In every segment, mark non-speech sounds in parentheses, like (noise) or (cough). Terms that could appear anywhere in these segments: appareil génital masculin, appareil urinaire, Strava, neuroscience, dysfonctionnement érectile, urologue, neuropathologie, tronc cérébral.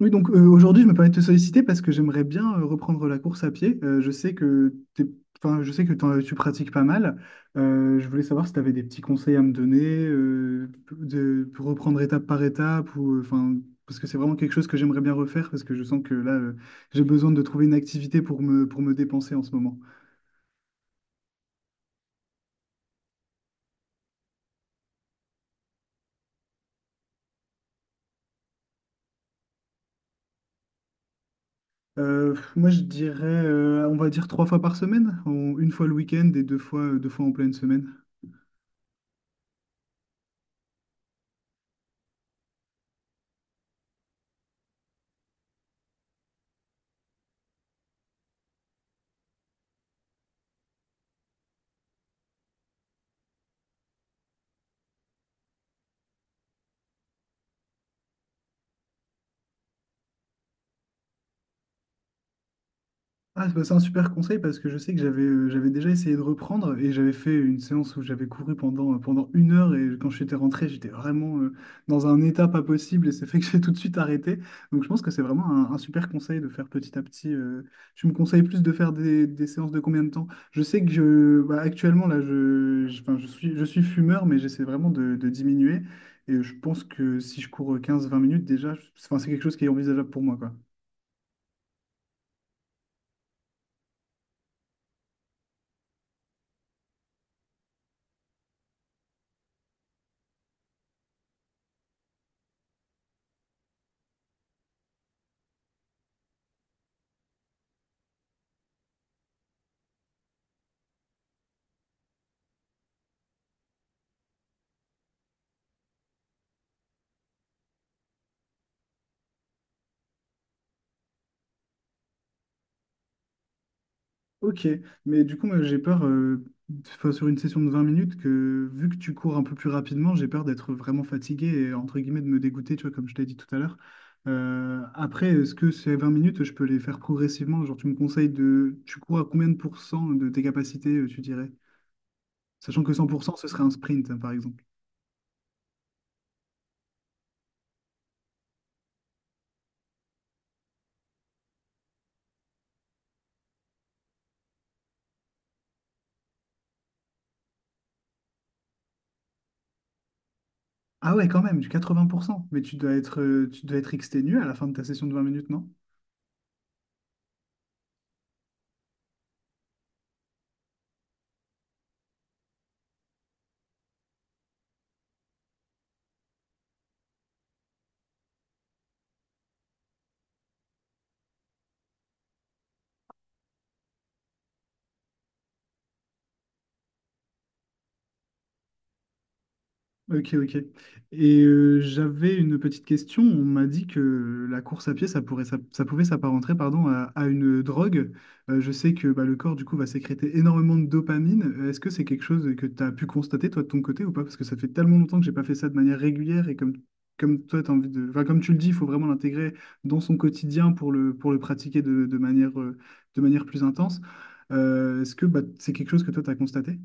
Oui, donc aujourd'hui, je me permets de te solliciter parce que j'aimerais bien reprendre la course à pied. Je sais que enfin, je sais que tu pratiques pas mal. Je voulais savoir si tu avais des petits conseils à me donner pour reprendre étape par étape ou enfin parce que c'est vraiment quelque chose que j'aimerais bien refaire parce que je sens que là j'ai besoin de trouver une activité pour me dépenser en ce moment. Moi, je dirais on va dire trois fois par semaine, une fois le week-end et deux fois en pleine semaine. Ah, bah, c'est un super conseil parce que je sais que j'avais déjà essayé de reprendre et j'avais fait une séance où j'avais couru pendant 1 heure et quand j'étais rentré, j'étais vraiment dans un état pas possible et c'est fait que (laughs) j'ai tout de suite arrêté. Donc je pense que c'est vraiment un super conseil de faire petit à petit. Tu me conseilles plus de faire des séances de combien de temps? Je sais que bah, actuellement, là, enfin, je suis fumeur, mais j'essaie vraiment de diminuer et je pense que si je cours 15-20 minutes déjà, enfin, c'est quelque chose qui est envisageable pour moi. Ok, mais du coup, moi, j'ai peur, enfin, sur une session de 20 minutes, que vu que tu cours un peu plus rapidement, j'ai peur d'être vraiment fatigué et entre guillemets de me dégoûter, tu vois, comme je t'ai dit tout à l'heure. Après, est-ce que ces 20 minutes, je peux les faire progressivement? Genre, tu me conseilles de... Tu cours à combien de pourcents de tes capacités, tu dirais? Sachant que 100%, ce serait un sprint, hein, par exemple. Ah ouais, quand même, du 80%. Mais tu dois être exténué à la fin de ta session de 20 minutes, non? Ok, ok. Et j'avais une petite question. On m'a dit que la course à pied, ça pouvait s'apparenter, pardon, à une drogue. Je sais que bah, le corps, du coup, va sécréter énormément de dopamine. Est-ce que c'est quelque chose que tu as pu constater, toi, de ton côté, ou pas? Parce que ça fait tellement longtemps que j'ai pas fait ça de manière régulière et comme toi, t'as envie de... Enfin, comme tu le dis, il faut vraiment l'intégrer dans son quotidien pour le pratiquer de manière plus intense. Est-ce que bah, c'est quelque chose que toi, tu as constaté?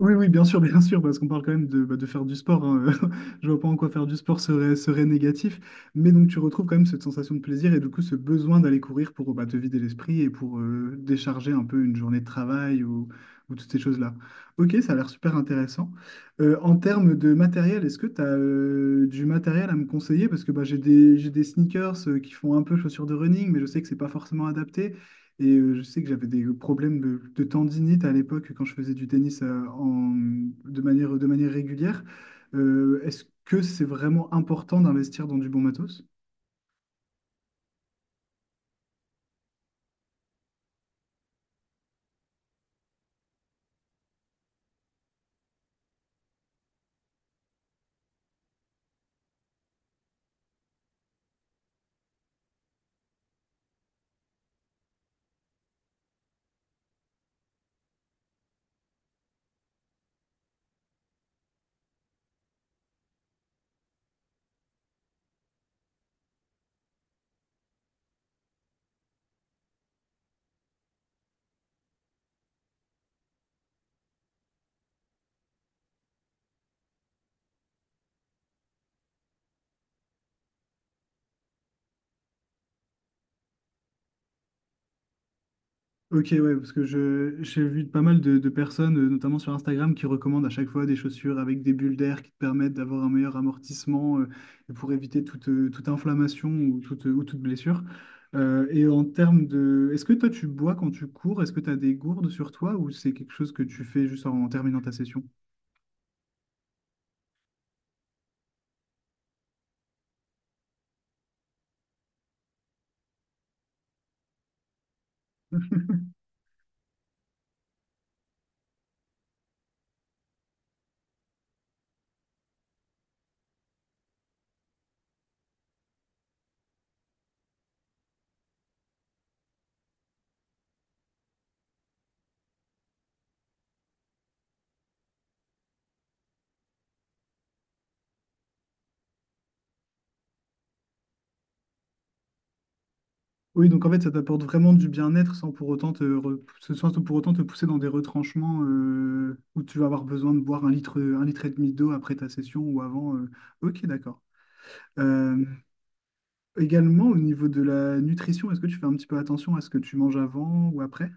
Oui, oui, bien sûr, parce qu'on parle quand même bah, de faire du sport, hein. (laughs) Je vois pas en quoi faire du sport serait négatif. Mais donc, tu retrouves quand même cette sensation de plaisir et du coup, ce besoin d'aller courir pour bah, te vider l'esprit et pour décharger un peu une journée de travail ou toutes ces choses-là. Ok, ça a l'air super intéressant. En termes de matériel, est-ce que tu as du matériel à me conseiller? Parce que bah, j'ai des sneakers qui font un peu chaussures de running, mais je sais que c'est pas forcément adapté. Et je sais que j'avais des problèmes de tendinite à l'époque quand je faisais du tennis de manière régulière. Est-ce que c'est vraiment important d'investir dans du bon matos? Ok, ouais, parce que j'ai vu pas mal de personnes, notamment sur Instagram, qui recommandent à chaque fois des chaussures avec des bulles d'air qui te permettent d'avoir un meilleur amortissement et pour éviter toute inflammation ou toute blessure. Et en termes de... Est-ce que toi, tu bois quand tu cours? Est-ce que tu as des gourdes sur toi ou c'est quelque chose que tu fais juste en terminant ta session? Oui, donc en fait, ça t'apporte vraiment du bien-être sans pour autant te, re- ce- sans pour autant te pousser dans des retranchements où tu vas avoir besoin de boire 1 litre, un litre et demi d'eau après ta session ou avant. Ok, d'accord. Euh, Également, au niveau de la nutrition, est-ce que tu fais un petit peu attention à ce que tu manges avant ou après?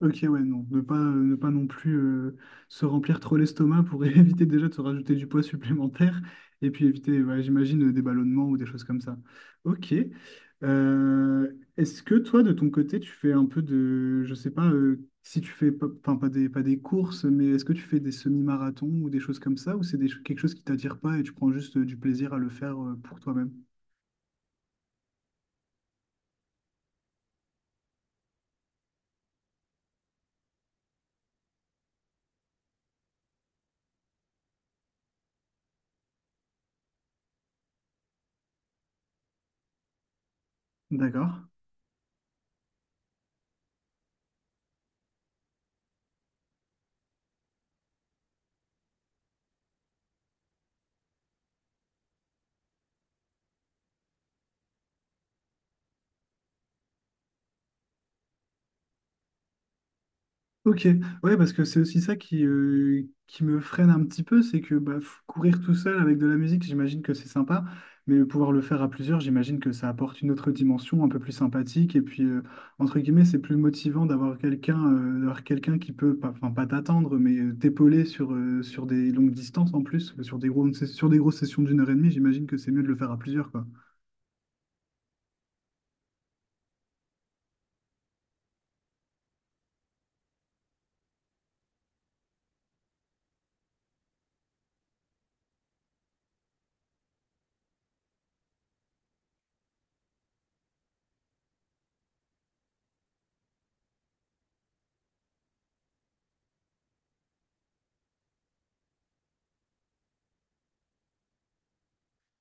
Ok, ouais, non. Ne pas non plus se remplir trop l'estomac pour (laughs) éviter déjà de se rajouter du poids supplémentaire et puis éviter, ouais, j'imagine, des ballonnements ou des choses comme ça. Ok. Euh, Est-ce que toi, de ton côté, tu fais un peu de, je sais pas, si tu fais, enfin, pas des courses, mais est-ce que tu fais des semi-marathons ou des choses comme ça ou quelque chose qui t'attire pas et tu prends juste du plaisir à le faire pour toi-même? D'accord. Ok, ouais, parce que c'est aussi ça qui me freine un petit peu, c'est que bah, courir tout seul avec de la musique, j'imagine que c'est sympa, mais pouvoir le faire à plusieurs, j'imagine que ça apporte une autre dimension un peu plus sympathique, et puis, entre guillemets, c'est plus motivant d'avoir quelqu'un qui peut, pas, enfin, pas t'attendre, mais t'épauler sur des longues distances en plus, sur des grosses sessions d'1 h 30, j'imagine que c'est mieux de le faire à plusieurs, quoi.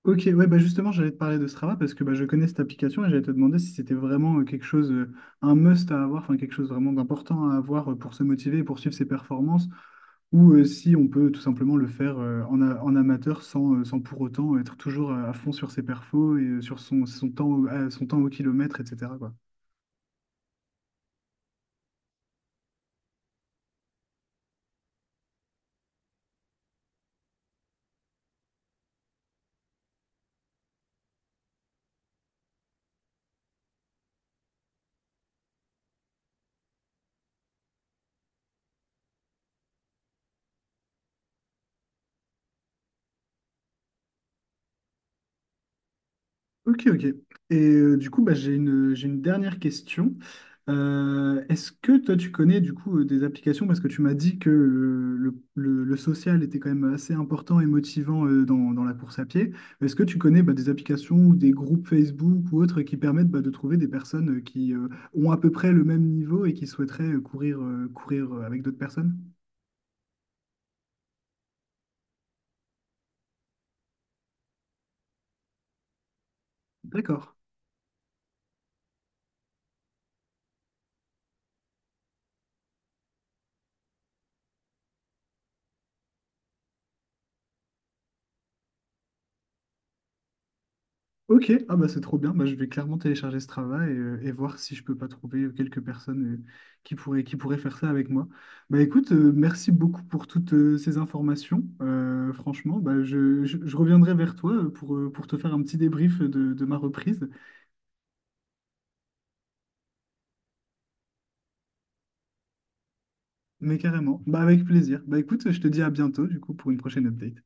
Ok, ouais, bah justement, j'allais te parler de Strava parce que bah, je connais cette application et j'allais te demander si c'était vraiment un must à avoir, enfin quelque chose vraiment d'important à avoir pour se motiver et poursuivre ses performances, ou si on peut tout simplement le faire en amateur sans pour autant être toujours à fond sur ses perfos et sur son temps, son temps au kilomètre, etc. quoi. Ok, ok. Et du coup, bah, j'ai une dernière question. Est-ce que toi, tu connais du coup des applications, parce que tu m'as dit que le social était quand même assez important et motivant dans la course à pied. Est-ce que tu connais bah, des applications ou des groupes Facebook ou autres qui permettent bah, de trouver des personnes qui ont à peu près le même niveau et qui souhaiteraient courir avec d'autres personnes? D'accord. Ok, ah bah c'est trop bien. Bah, je vais clairement télécharger ce travail et voir si je peux pas trouver quelques personnes qui pourraient faire ça avec moi. Bah écoute, merci beaucoup pour toutes ces informations. Franchement, bah, je reviendrai vers toi pour te faire un petit débrief de ma reprise. Mais carrément, bah avec plaisir. Bah écoute, je te dis à bientôt du coup pour une prochaine update.